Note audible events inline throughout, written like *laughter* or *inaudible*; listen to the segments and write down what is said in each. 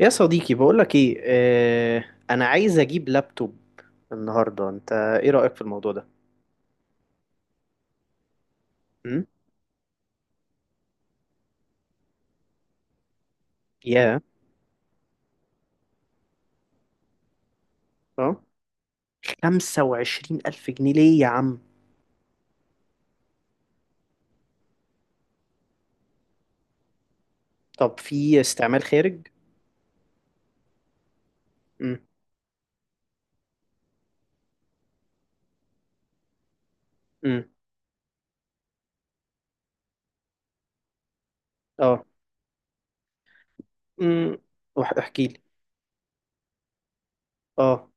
يا صديقي، بقولك ايه. انا عايز اجيب لابتوب النهارده. انت ايه رأيك في الموضوع ده؟ امم. يا. اه. 25000 الف جنيه ليه يا عم؟ طب في استعمال خارج؟ امم. امم. اه. امم. احكي لي. اه.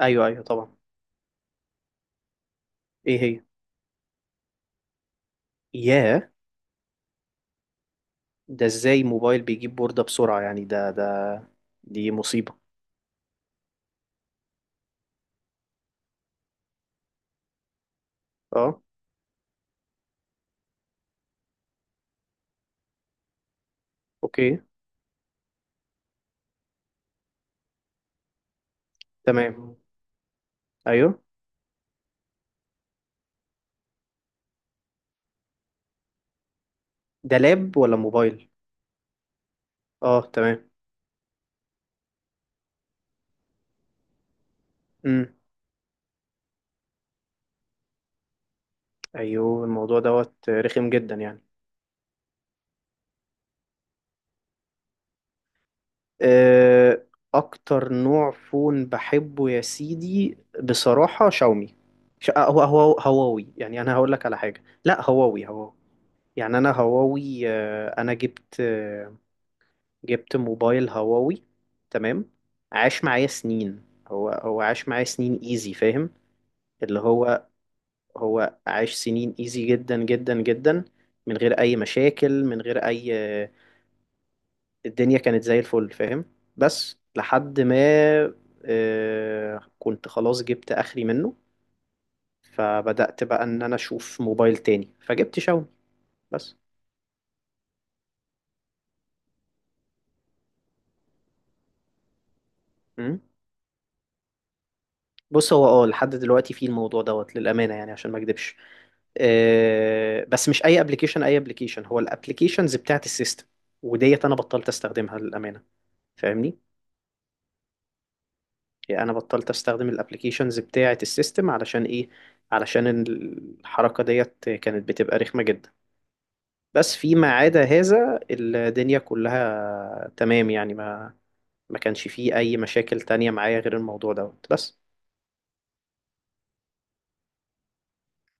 ايوه، ايوه، طبعا. ايه هي؟ يا. ده ازاي موبايل بيجيب بوردة بسرعة؟ يعني ده دي مصيبة. اه. اوكي. تمام. ايوه. ده لاب ولا موبايل؟ اه، تمام. ايوه. الموضوع دوت رخم جدا يعني. آه، اكتر نوع فون بحبه يا سيدي، بصراحة، شاومي. هو هواوي. يعني انا هقول لك على حاجة. لا، هواوي هواوي. يعني انا هواوي. انا جبت موبايل هواوي. تمام. عاش معايا سنين. هو عاش معايا سنين ايزي، فاهم؟ اللي هو عاش سنين ايزي، جدا جدا جدا، من غير اي مشاكل، من غير اي. الدنيا كانت زي الفل، فاهم؟ بس لحد ما كنت خلاص جبت اخري منه. فبدأت بقى ان انا اشوف موبايل تاني، فجبت شاومي. بس. مم. بص، هو لحد دلوقتي في الموضوع دوت، للأمانة يعني، عشان ما اكدبش. بس مش اي ابلكيشن، اي ابلكيشن. هو الابلكيشنز بتاعت السيستم وديت انا بطلت استخدمها، للامانه، فاهمني؟ يعني انا بطلت استخدم الابلكيشنز بتاعت السيستم علشان ايه؟ علشان الحركه ديت كانت بتبقى رخمه جدا. بس فيما عدا هذا، الدنيا كلها تمام يعني. ما كانش فيه أي مشاكل تانية معايا غير الموضوع دوت بس.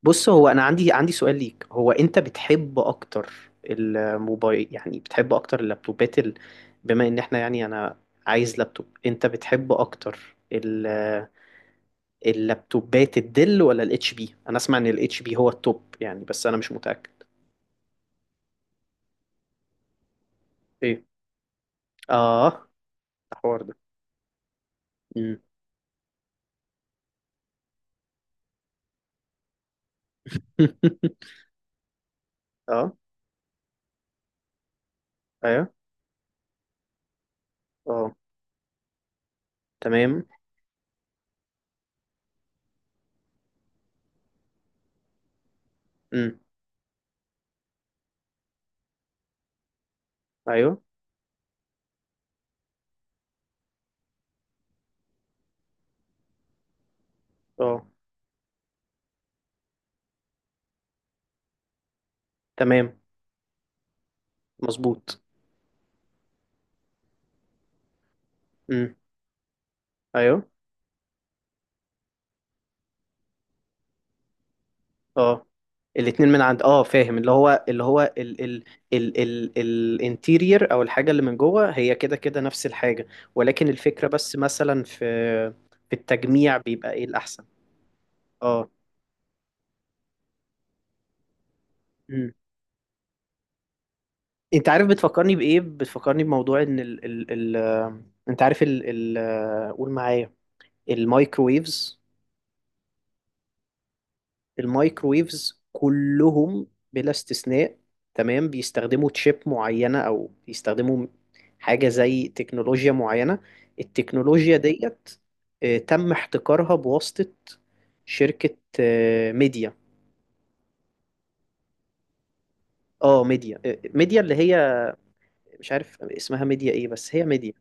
بص، هو أنا عندي سؤال ليك. هو أنت بتحب أكتر الموبايل؟ يعني بتحب أكتر اللابتوبات ال... بما إن إحنا، يعني، أنا عايز لابتوب، أنت بتحب أكتر ال... اللابتوبات الدل ولا الاتش بي؟ أنا أسمع إن الاتش بي هو التوب يعني، بس أنا مش متأكد. إيه؟ آه. الحوار ده. مم. *laughs* آه. أيوه. آه. تمام. امم. ايوه. اه، تمام. مظبوط. امم. ايوه. اه، الاتنين من عند، اه، فاهم. اللي هو، اللي هو، ال الانتيرير، او الحاجه اللي من جوه، هي كده كده نفس الحاجه. ولكن الفكره، بس مثلا، في التجميع بيبقى ايه الاحسن. اه. امم. انت عارف بتفكرني بايه؟ بتفكرني بموضوع ان ال ال ال انت عارف ال، ال، قول معايا، المايكرويفز. المايكرويفز كلهم بلا استثناء، تمام، بيستخدموا تشيب معينة، أو بيستخدموا حاجة زي تكنولوجيا معينة. التكنولوجيا ديت تم احتكارها بواسطة شركة ميديا. اه، ميديا ميديا اللي هي، مش عارف اسمها ميديا ايه، بس هي ميديا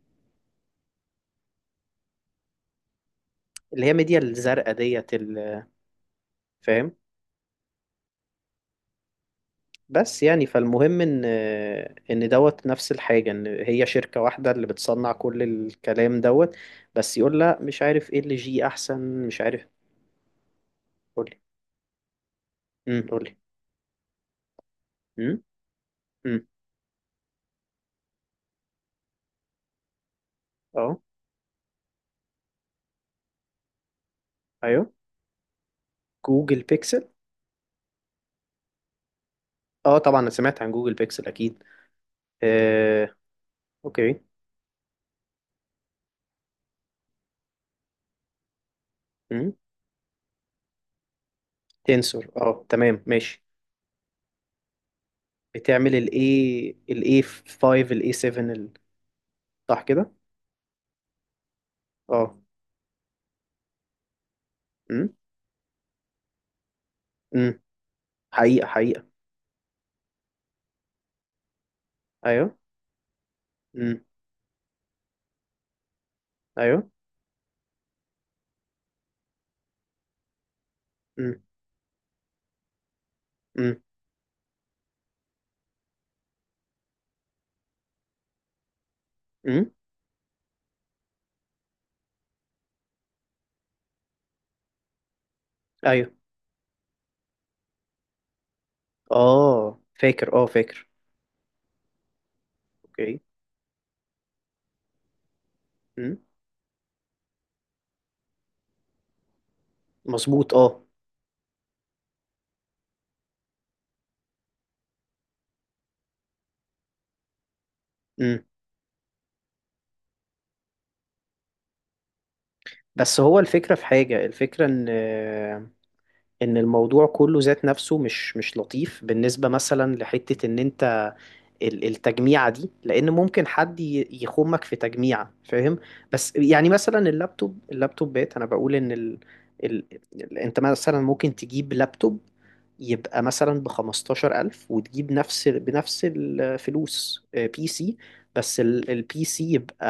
اللي هي ميديا الزرقاء ديت، ال-، فاهم؟ بس يعني، فالمهم ان دوت نفس الحاجه، ان هي شركه واحده اللي بتصنع كل الكلام دوت. بس يقول لا مش عارف ايه اللي جي احسن، مش عارف. قولي. امم، قولي. امم. امم. اه. ايوه. جوجل بيكسل. اه، طبعا انا سمعت عن جوجل بيكسل اكيد. آه. اوكي. امم. تنسور، اه، تمام، ماشي. بتعمل الاي 5، الاي 7، ال-، صح كده. اه. امم. امم. حقيقه، حقيقه. ايوه. امم. ايوه. امم. إمم. امم. ايوه. اه، فاكر، اه، فاكر. اوكي. امم. مظبوط، اه. امم. بس هو الفكره في حاجه، الفكره ان الموضوع كله ذات نفسه مش لطيف بالنسبة، مثلا، لحتة ان انت ال- التجميعة دي، لان ممكن حد ي- يخمك في تجميعة، فاهم؟ بس يعني مثلا اللابتوب، اللابتوبات، انا بقول ان ال... ال... ال- انت مثلا ممكن تجيب لابتوب يبقى مثلا بخمستاشر ألف، وتجيب نفس بنفس الفلوس بي سي، بس البي سي يبقى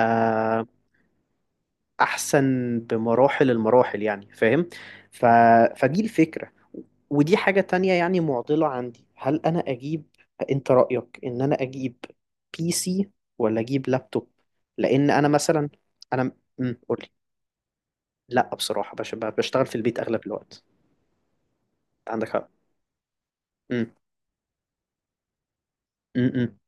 احسن بمراحل، المراحل يعني، فاهم. ف... فدي الفكرة. ودي حاجة تانية يعني، معضلة عندي، هل انا اجيب؟ انت رأيك ان انا اجيب بي سي ولا اجيب لابتوب؟ لان انا مثلا انا... امم، قولي. لا، بصراحة، بشتغل في البيت اغلب الوقت. عندك حق. امم. امم.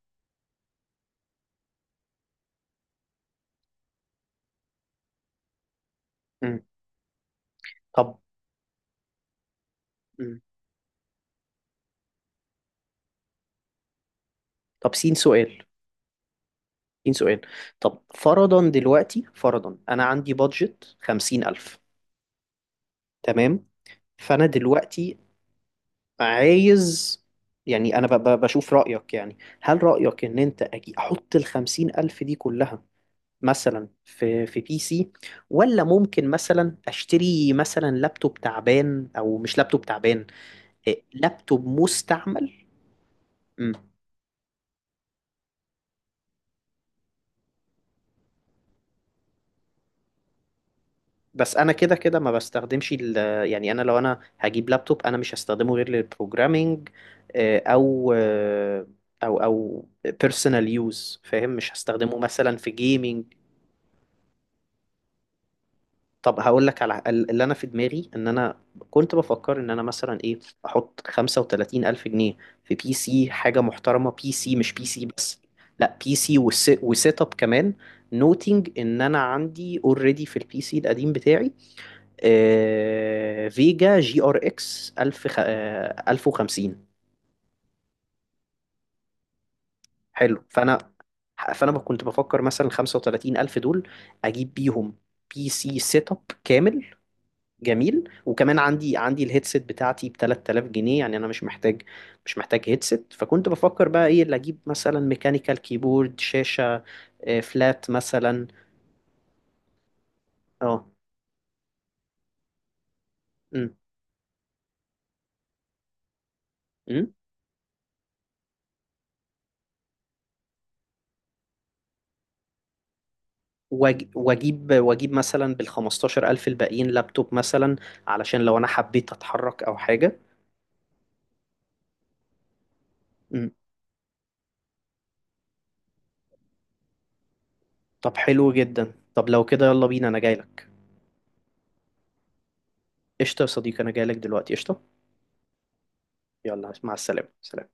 امم. طب. امم. طب، سين سؤال، سين سؤال. طب فرضا دلوقتي، فرضا انا عندي بادجت خمسين الف. تمام. فانا دلوقتي عايز، يعني انا بشوف رأيك. يعني هل رأيك ان انت أجي احط الخمسين الف دي كلها مثلا في بي سي، ولا ممكن مثلا اشتري مثلا لابتوب تعبان، او مش لابتوب تعبان، إيه، لابتوب مستعمل. مم. بس انا كده كده ما بستخدمش ال-. يعني انا لو انا هجيب لابتوب، انا مش هستخدمه غير للبروجرامينج آه، او آه، او بيرسونال يوز، فاهم. مش هستخدمه مثلا في جيمنج. طب هقول لك على ال- اللي انا في دماغي، ان انا كنت بفكر ان انا مثلا ايه، احط 35 الف جنيه في بي سي حاجه محترمه. بي سي مش بي سي بس، لا بي سي وسيت اب كمان. نوتنج ان انا عندي اوريدي في البي سي القديم بتاعي آه فيجا جي ار اكس 1000، خ-، 1050. حلو. فانا كنت بفكر مثلا 35 الف دول، اجيب بيهم بي سي سيت اب كامل. جميل. وكمان عندي الهيدسيت بتاعتي ب 3000 جنيه، يعني انا مش محتاج هيدسيت. فكنت بفكر بقى ايه اللي اجيب، مثلا ميكانيكال كيبورد، شاشة فلات مثلا. اه. امم. امم. واجيب مثلا بال 15000 الباقيين لابتوب، مثلا علشان لو انا حبيت اتحرك او حاجة. امم. طب حلو جدا. طب لو كده يلا بينا، انا جاي لك. قشطة يا صديقي، انا جاي لك دلوقتي. قشطة. يلا، مع السلامة. سلام.